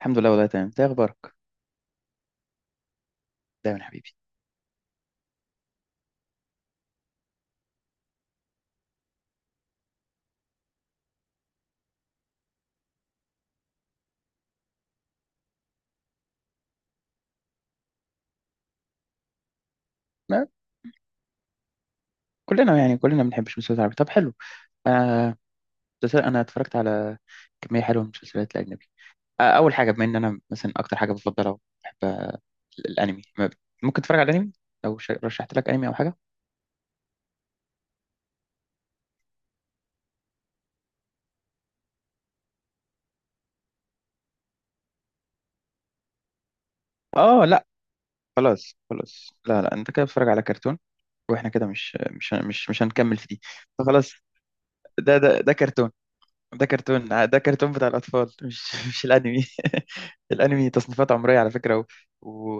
الحمد لله والله تمام. ده اخبارك؟ دايما حبيبي. ما كلنا، يعني كلنا بنحب المسلسلات العربية، طب حلو. آه. مسلسل، انا اتفرجت على كميه حلوه من المسلسلات الاجنبي. اول حاجه، بما ان انا مثلا اكتر حاجه بفضلها بحب الانمي. ممكن تتفرج على الانمي؟ لو رشحت لك انمي او حاجه. اه لا. خلاص خلاص، لا لا، انت كده بتتفرج على كرتون. واحنا كده مش هنكمل في دي. فخلاص. ده كرتون. ده كرتون، ده كرتون بتاع الأطفال، مش مش الأنمي. الأنمي تصنيفات عمرية على فكرة،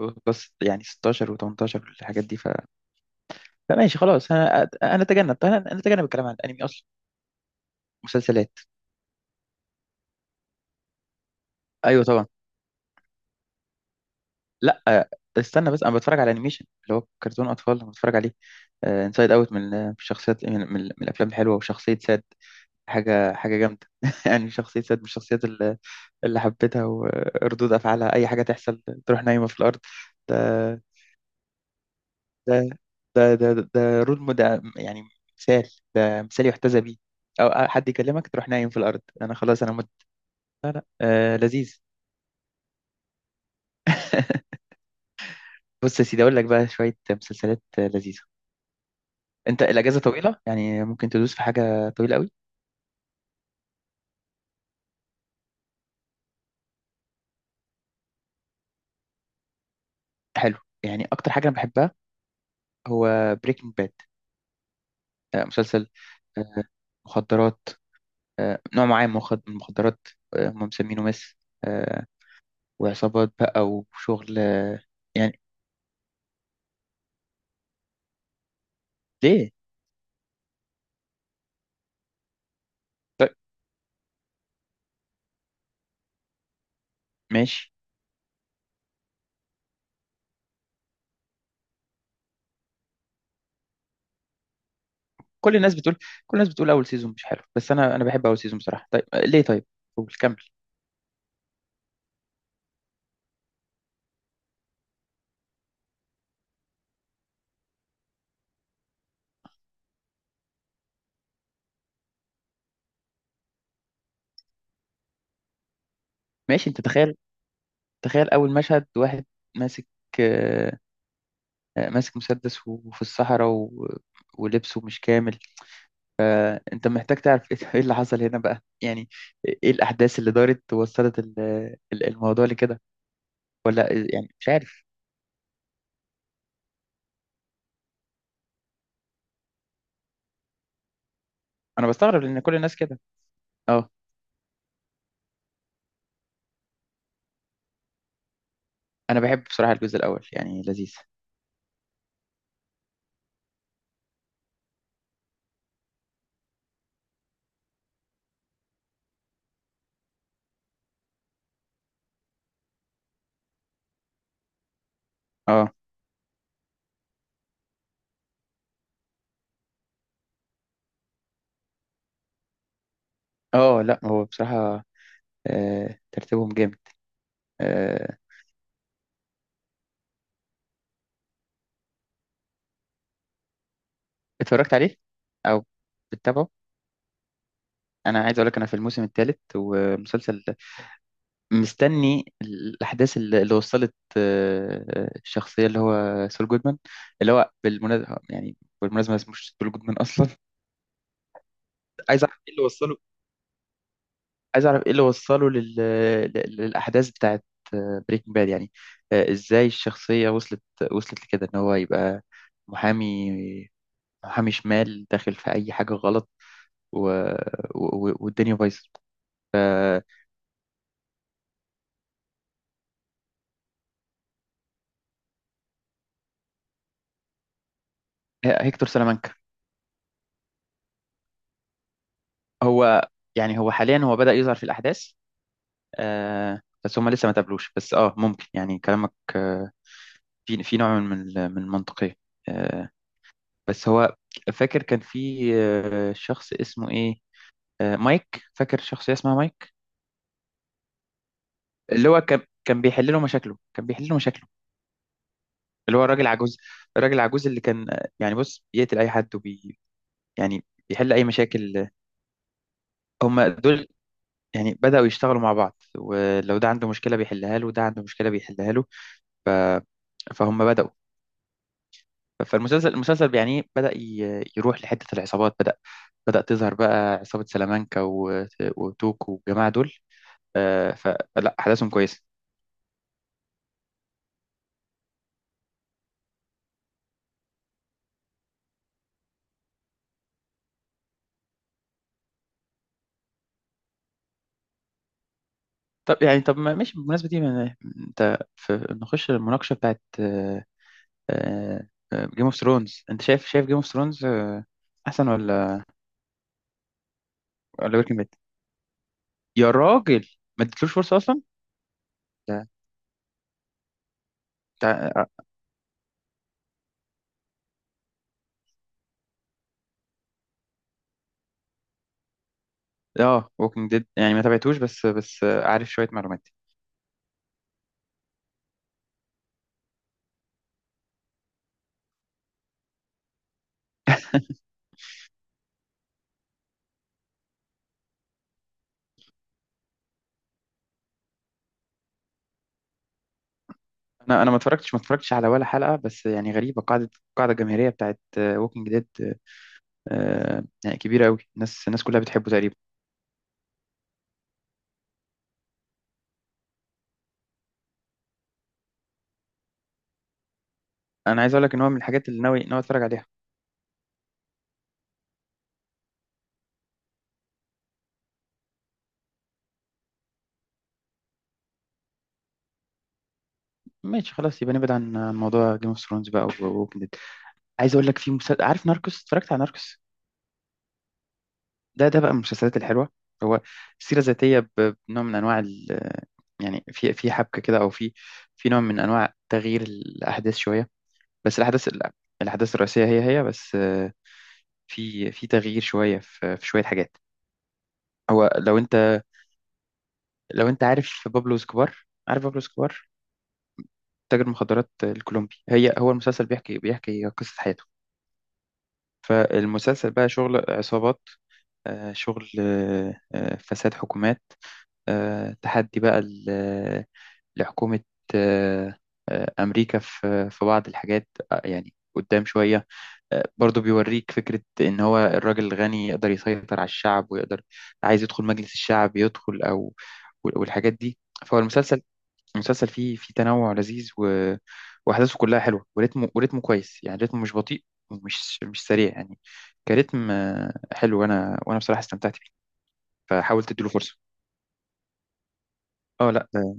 وبس يعني 16 و18 والحاجات دي. فماشي خلاص. أنا أتجنب الكلام عن الأنمي أصلا. مسلسلات. أيوه طبعا. لا، استنى بس. أنا بتفرج على أنيميشن، اللي هو كرتون أطفال أنا بتفرج عليه. انسايد أوت، من شخصيات من الأفلام الحلوة. وشخصية ساد، حاجة جامدة. يعني شخصية ساد من الشخصيات اللي حبيتها، وردود أفعالها أي حاجة تحصل تروح نايمة في الأرض. ده ده ده رول مود يعني. مثال، مثال يحتذى بيه. او حد يكلمك تروح نايم في الارض، انا خلاص، انا مت. لا لا، آه، لذيذ. بص يا سيدي، اقول لك بقى شويه مسلسلات لذيذه. انت الاجازه طويله يعني، ممكن تدوس في حاجه طويله قوي. حلو. يعني اكتر حاجه انا بحبها هو بريكنج باد. آه، مسلسل. آه مخدرات. آه، نوع معين من من المخدرات. آه، هم مسمينه مس. آه. وعصابات بقى وشغل. يعني ليه طيب، ماشي. كل الناس بتقول كل الناس بتقول اول سيزون مش حلو، بس انا بحب اول سيزون بصراحه. طيب، ليه طيب، قول كمل. ماشي. انت تخيل، تخيل اول مشهد. واحد ماسك آه، آه، ماسك مسدس، وفي الصحراء ولبسه مش كامل. انت محتاج تعرف ايه؟ إيه اللي حصل هنا بقى يعني؟ ايه الاحداث اللي دارت وصلت الموضوع لكده؟ ولا إيه؟ يعني مش عارف. انا بستغرب لان كل الناس كده. اه. انا بحب بصراحه الجزء الاول، يعني لذيذ. اه اه، لا هو بصراحه ترتيبهم جامد. آه، اتفرجت عليه، او بتتابعه؟ انا عايز اقول لك انا في الموسم الثالث ومسلسل، مستني الاحداث اللي وصلت الشخصيه اللي هو سول جودمان، اللي هو بالمناسبه يعني، بالمناسبه اسمه مش سول جودمان اصلا. عايز اعرف ايه اللي وصله. عايز اعرف ايه اللي وصله للاحداث بتاعت بريكنج باد يعني. ازاي الشخصيه وصلت، وصلت لكده، ان هو يبقى محامي، محامي شمال داخل في اي حاجه غلط، و... والدنيا بايظه. هيكتور سلامانكا. هو يعني هو حاليا هو بدأ يظهر في الأحداث. آه، بس هما لسه ما تقابلوش. بس اه، ممكن يعني كلامك آه، في نوع من من المنطقية. آه، بس هو فاكر كان في شخص اسمه ايه، مايك. فاكر شخصية اسمها مايك، اللي هو كان بيحل له مشاكله، كان بيحل له مشاكله، اللي هو الراجل العجوز، الراجل العجوز اللي كان يعني، بص، بيقتل أي حد يعني بيحل أي مشاكل. هما دول. يعني بدأوا يشتغلوا مع بعض، ولو ده عنده مشكلة بيحلها له، وده عنده مشكلة بيحلها له. ف... فهم بدأوا. المسلسل يعني بدأ يروح لحتة العصابات. بدأ، بدأ تظهر بقى عصابة سلامانكا وتوك والجماعة دول. آه، فلا أحداثهم كويسة. طب يعني، طب ما- ماشي. بالمناسبة دي أنت في نخش المناقشة بتاعت جيم اوف ثرونز. أنت شايف، شايف جيم اوف ثرونز أحسن ولا ولا بريكنج باد؟ يا راجل، ما اديتلوش فرصة أصلا. ده. اه ووكينج ديد يعني، ما تابعتوش، بس عارف شويه معلومات. انا ما اتفرجتش، ما اتفرجتش على ولا حلقه، بس يعني غريبه. قاعده، قاعده جماهيريه بتاعت ووكينج ديد يعني كبيره قوي. الناس كلها بتحبه تقريبا. انا عايز اقول لك ان هو من الحاجات اللي ناوي، ناوي اتفرج عليها. ماشي خلاص، يبقى نبعد عن موضوع جيم اوف ثرونز بقى، ووكينج ديد. عايز اقول لك في مسلسل، عارف ناركوس؟ اتفرجت على ناركوس؟ ده بقى من المسلسلات الحلوه. هو سيره ذاتيه، بنوع من انواع يعني، في حبكه كده، او في، في نوع من انواع تغيير الاحداث شويه. بس الاحداث لا، الاحداث الرئيسيه هي هي، بس. آه، في تغيير شويه، في شويه حاجات. هو لو انت، لو انت عارف بابلو اسكوبار. عارف بابلو اسكوبار؟ تاجر مخدرات الكولومبي. هي، هو المسلسل بيحكي، بيحكي قصه حياته. فالمسلسل بقى شغل عصابات، شغل فساد حكومات، تحدي بقى لحكومه آه، امريكا في بعض الحاجات. يعني قدام شويه، برضه بيوريك فكرة إن هو الراجل الغني يقدر يسيطر على الشعب، ويقدر عايز يدخل مجلس الشعب يدخل، أو والحاجات دي. فهو المسلسل، المسلسل فيه تنوع لذيذ وأحداثه كلها حلوة، وريتمه، وريتمه كويس، يعني ريتمه مش بطيء ومش مش سريع يعني. كريتم حلو، وأنا بصراحة استمتعت بيه. فحاولت أديله فرصة. اه لا،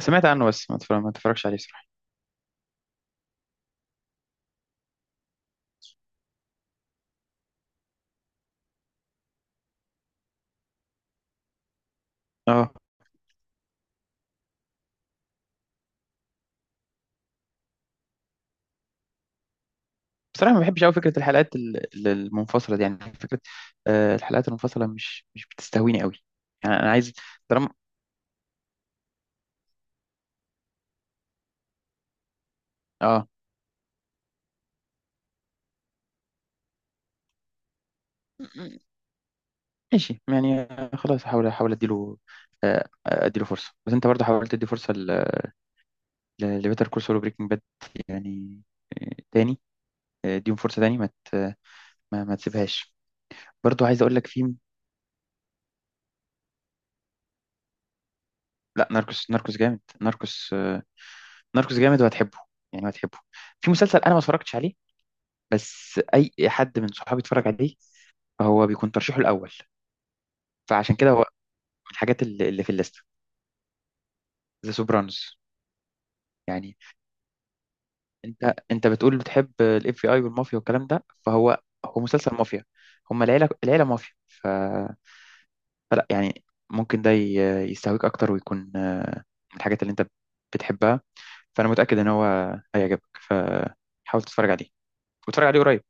سمعت عنه بس ما اتفرجش عليه بصراحة. اه. بصراحة ما بحبش قوي فكرة الحلقات المنفصلة دي، يعني فكرة الحلقات المنفصلة مش بتستهويني قوي. يعني أنا عايز، طالما، اه ماشي يعني. خلاص، هحاول، احاول اديله اديله فرصة. بس انت برضه حاولت تدي فرصة لبيتر كول سول وبريكنج باد يعني تاني. اديهم فرصة تاني، ما, ما تسيبهاش. برضه عايز اقول لك في، لا، ناركوس، ناركوس جامد، ناركوس ناركوس جامد وهتحبه، يعني هتحبه. في مسلسل انا ما اتفرجتش عليه، بس اي حد من صحابي اتفرج عليه هو بيكون ترشيحه الاول. فعشان كده هو من الحاجات اللي في الليسته، ذا سوبرانوس. يعني انت، بتقول بتحب الـ FBI والمافيا والكلام ده، فهو هو مسلسل مافيا. هم العيله، العيله مافيا. فلا يعني، ممكن ده يستهويك اكتر، ويكون من الحاجات اللي انت بتحبها. فانا متاكد ان هو هيعجبك. فحاول تتفرج عليه، وتتفرج عليه قريب.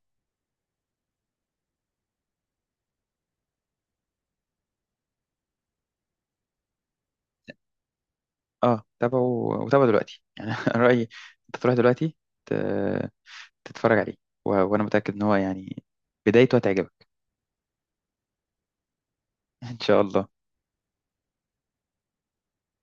اه، تابعه، وتابعه دلوقتي يعني. أنا رايي انت تروح دلوقتي ت- تتفرج عليه. وانا متاكد ان هو يعني بدايته هتعجبك. إن شاء الله.